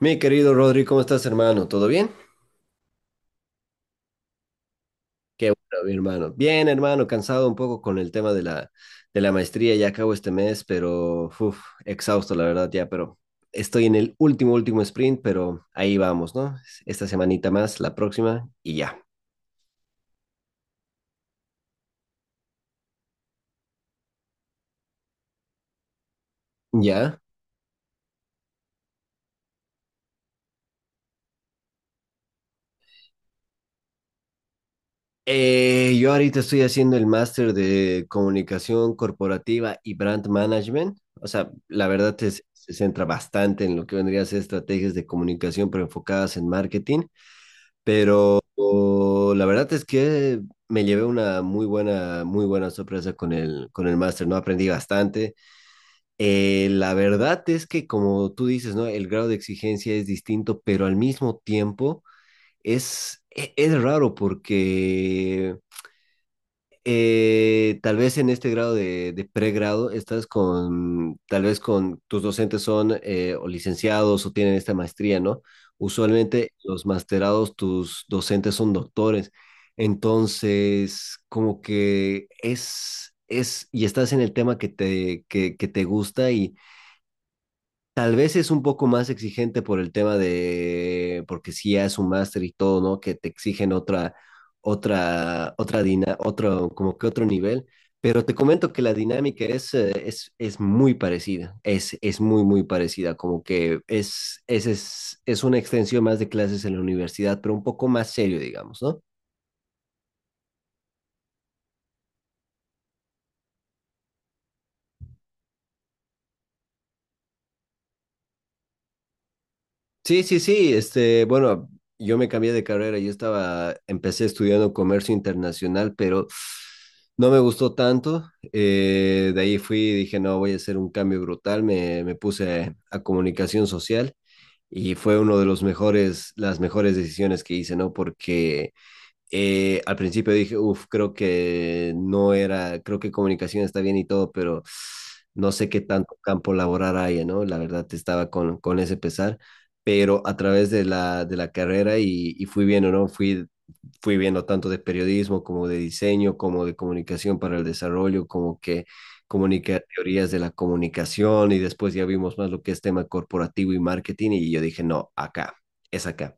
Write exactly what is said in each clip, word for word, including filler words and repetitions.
Mi querido Rodri, ¿cómo estás, hermano? ¿Todo bien? Qué bueno, mi hermano. Bien, hermano, cansado un poco con el tema de la, de la maestría. Ya acabo este mes, pero uf, exhausto, la verdad, ya, pero estoy en el último, último sprint, pero ahí vamos, ¿no? Esta semanita más, la próxima, y ya. Ya. Eh, yo ahorita estoy haciendo el máster de comunicación corporativa y brand management. O sea, la verdad es- se centra bastante en lo que vendría a ser estrategias de comunicación, pero enfocadas en marketing. Pero o- la verdad es que me llevé una muy buena, muy buena sorpresa con el, con el máster, ¿no? Aprendí bastante. Eh, la verdad es que, como tú dices, ¿no? El grado de exigencia es distinto, pero al mismo tiempo es, e- es raro porque eh, tal vez en este grado de, de pregrado estás con, tal vez con tus docentes son eh, o licenciados o tienen esta maestría, ¿no? Usualmente los masterados, tus docentes son doctores. Entonces, como que es, es, y estás en el tema que te, que, que te gusta. Y tal vez es un poco más exigente por el tema de, porque si ya es un máster y todo, ¿no? Que te exigen otra, otra, otra dina, otro, como que otro nivel. Pero te comento que la dinámica es, eh, es, es muy parecida, es, es muy, muy parecida, como que es, es, es, es una extensión más de clases en la universidad, pero un poco más serio, digamos, ¿no? Sí, sí, sí, este, bueno, yo me cambié de carrera, yo estaba, empecé estudiando comercio internacional, pero no me gustó tanto. Eh, de ahí fui y dije, no, voy a hacer un cambio brutal, me, me puse a comunicación social y fue uno de los mejores, las mejores decisiones que hice, ¿no? Porque eh, al principio dije, uff, creo que no era, creo que comunicación está bien y todo, pero no sé qué tanto campo laboral haya, ¿no? La verdad estaba con, con ese pesar, pero a través de la, de la carrera y, y fui viendo, ¿no? Fui, fui viendo tanto de periodismo como de diseño, como de comunicación para el desarrollo, como que comunica teorías de la comunicación, y después ya vimos más lo que es tema corporativo y marketing y yo dije, no, acá, es acá.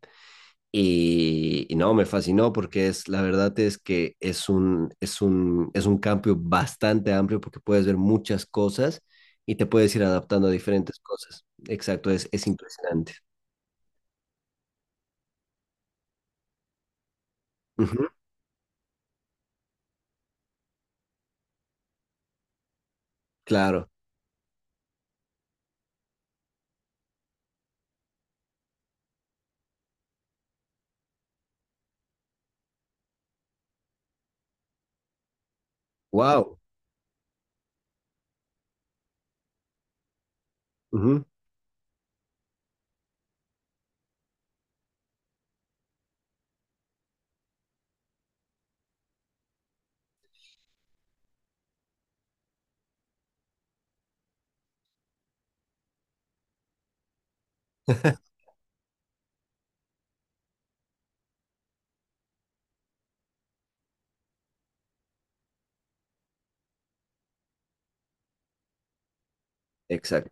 Y, y no, me fascinó porque es, la verdad es que es un, es un, es un cambio bastante amplio porque puedes ver muchas cosas y te puedes ir adaptando a diferentes cosas. Exacto, es, es impresionante. Ujú, claro. Wow. Exacto.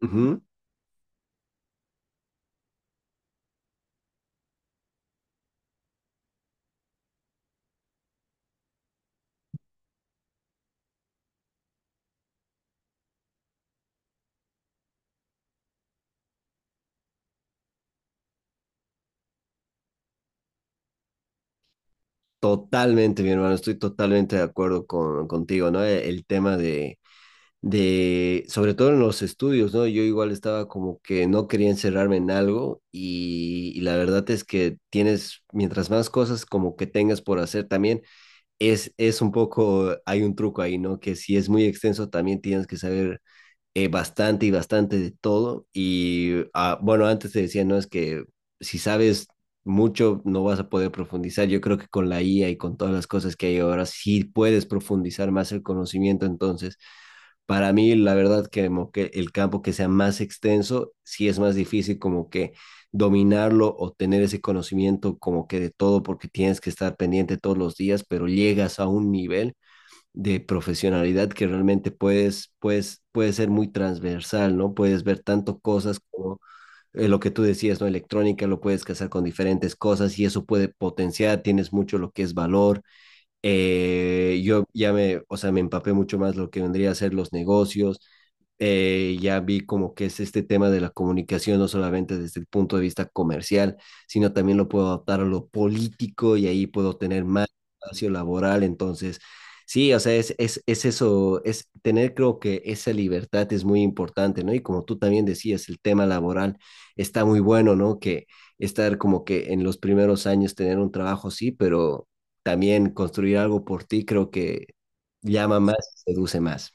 Ujú. Totalmente, mi hermano, estoy totalmente de acuerdo con, contigo, ¿no? El, el tema de, de, sobre todo en los estudios, ¿no? Yo igual estaba como que no quería encerrarme en algo, y, y la verdad es que tienes, mientras más cosas como que tengas por hacer también, es, es un poco, hay un truco ahí, ¿no? Que si es muy extenso también tienes que saber eh, bastante y bastante de todo. Y, ah, bueno, antes te decía, ¿no? Es que si sabes... mucho no vas a poder profundizar. Yo creo que con la I A y con todas las cosas que hay ahora, sí puedes profundizar más el conocimiento. Entonces, para mí, la verdad, que, como que el campo que sea más extenso, sí es más difícil como que dominarlo o tener ese conocimiento como que de todo, porque tienes que estar pendiente todos los días, pero llegas a un nivel de profesionalidad que realmente puedes, puedes, puede ser muy transversal, ¿no? Puedes ver tanto cosas como eh, lo que tú decías, ¿no? Electrónica, lo puedes casar con diferentes cosas y eso puede potenciar, tienes mucho lo que es valor. Eh, yo ya me, o sea, me empapé mucho más lo que vendría a ser los negocios. Eh, ya vi como que es este tema de la comunicación, no solamente desde el punto de vista comercial, sino también lo puedo adaptar a lo político, y ahí puedo tener más espacio laboral. Entonces, sí, o sea, es, es, es eso, es tener, creo que esa libertad es muy importante, ¿no? Y como tú también decías, el tema laboral está muy bueno, ¿no? Que estar como que en los primeros años tener un trabajo, sí, pero también construir algo por ti creo que llama más, seduce más.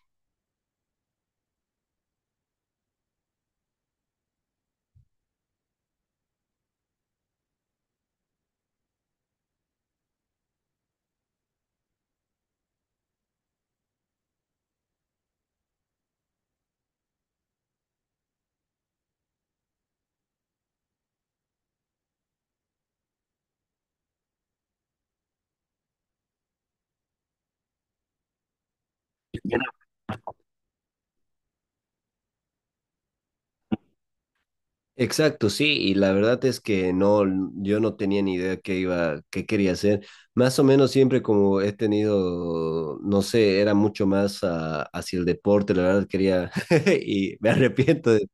Exacto, sí, y la verdad es que no, yo no tenía ni idea qué iba, qué quería hacer. Más o menos siempre como he tenido, no sé, era mucho más ah, hacia el deporte, la verdad quería, y me arrepiento de,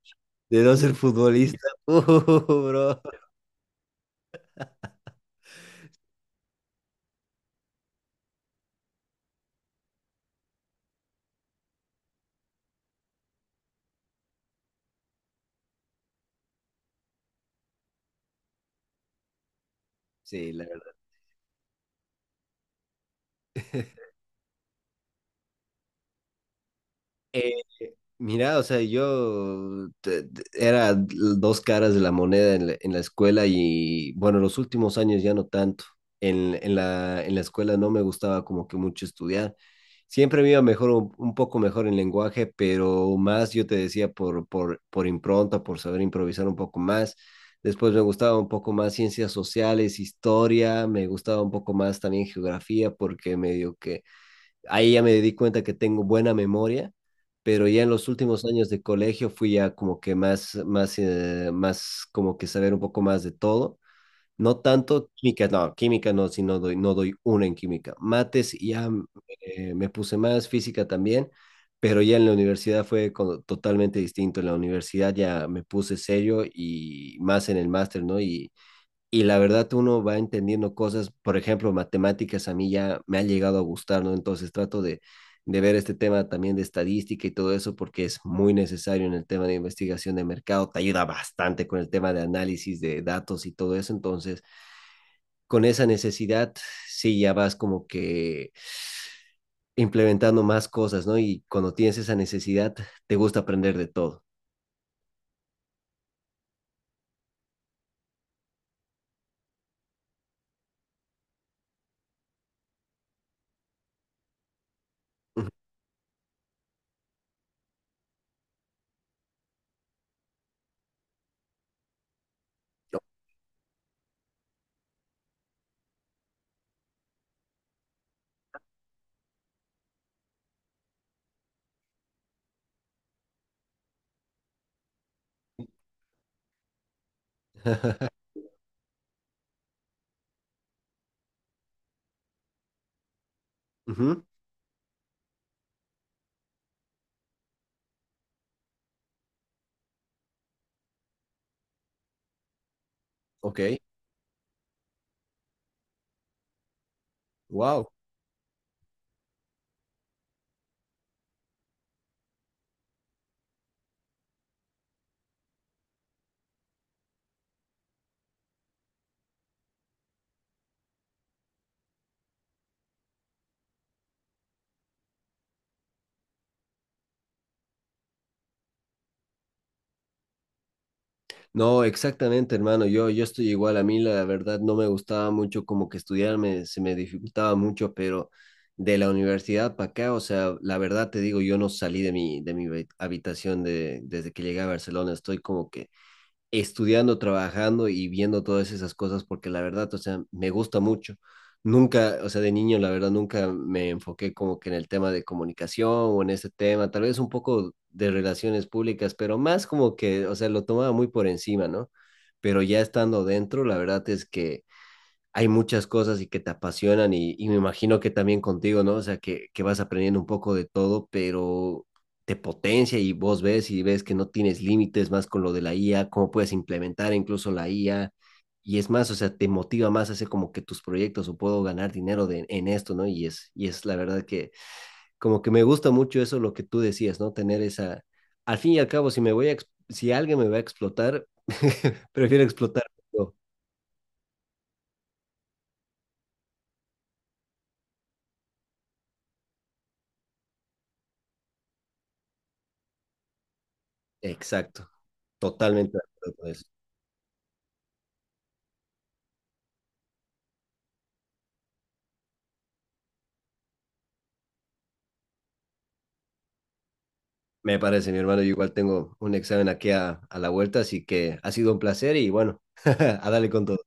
de no ser futbolista. Uh, bro. Sí, la verdad. Mira, o sea, yo te- te- era dos caras de la moneda en la, en la escuela, y bueno, los últimos años ya no tanto. En, en la, en la escuela no me gustaba como que mucho estudiar. Siempre me iba mejor, un, un poco mejor en lenguaje, pero más yo te decía por, por, por impronta, por saber improvisar un poco más. Después me gustaba un poco más ciencias sociales, historia, me gustaba un poco más también geografía porque medio que ahí ya me di cuenta que tengo buena memoria, pero ya en los últimos años de colegio fui ya como que más, más, eh, más como que saber un poco más de todo. No tanto química, no, química no, si no doy, no doy una en química. Mates ya eh, me puse más física también, pero ya en la universidad fue con- totalmente distinto. En la universidad ya me puse serio, y más en el máster, ¿no? Y y la verdad uno va entendiendo cosas, por ejemplo, matemáticas a mí ya me ha llegado a gustar, ¿no? Entonces trato de, de ver este tema también de estadística y todo eso, porque es muy necesario en el tema de investigación de mercado, te ayuda bastante con el tema de análisis de datos y todo eso. Entonces, con esa necesidad sí ya vas como que implementando más cosas, ¿no? Y cuando tienes esa necesidad, te gusta aprender de todo. Ujú, ok, wow. No, exactamente, hermano. Yo, yo estoy igual. A mí, la verdad, no me gustaba mucho como que estudiar, me- se me dificultaba mucho, pero de la universidad para acá, o sea, la verdad te digo, yo no salí de mi, de mi ve- habitación, de, desde que llegué a Barcelona. Estoy como que estudiando, trabajando y viendo todas esas cosas porque la verdad, o sea, me gusta mucho. Nunca, o sea, de niño, la verdad, nunca me enfoqué como que en el tema de comunicación o en ese tema, tal vez un poco de relaciones públicas, pero más como que, o sea, lo tomaba muy por encima, ¿no? Pero ya estando dentro, la verdad es que hay muchas cosas y que te apasionan, y, y me imagino que también contigo, ¿no? O sea, que, que vas aprendiendo un poco de todo, pero te potencia y vos ves y ves que no tienes límites más con lo de la I A, cómo puedes implementar incluso la I A. Y es más, o sea, te motiva más a hacer como que tus proyectos, o puedo ganar dinero de, en esto, ¿no? Y es, y es la verdad que como que me gusta mucho eso, lo que tú decías, ¿no? Tener esa, al fin y al cabo, si me voy a, ex- si alguien me va a explotar, prefiero explotar. Yo. Exacto. Totalmente de acuerdo con eso. Me parece, mi hermano. Yo igual tengo un examen aquí a, a la vuelta, así que ha sido un placer y bueno, a darle con todo.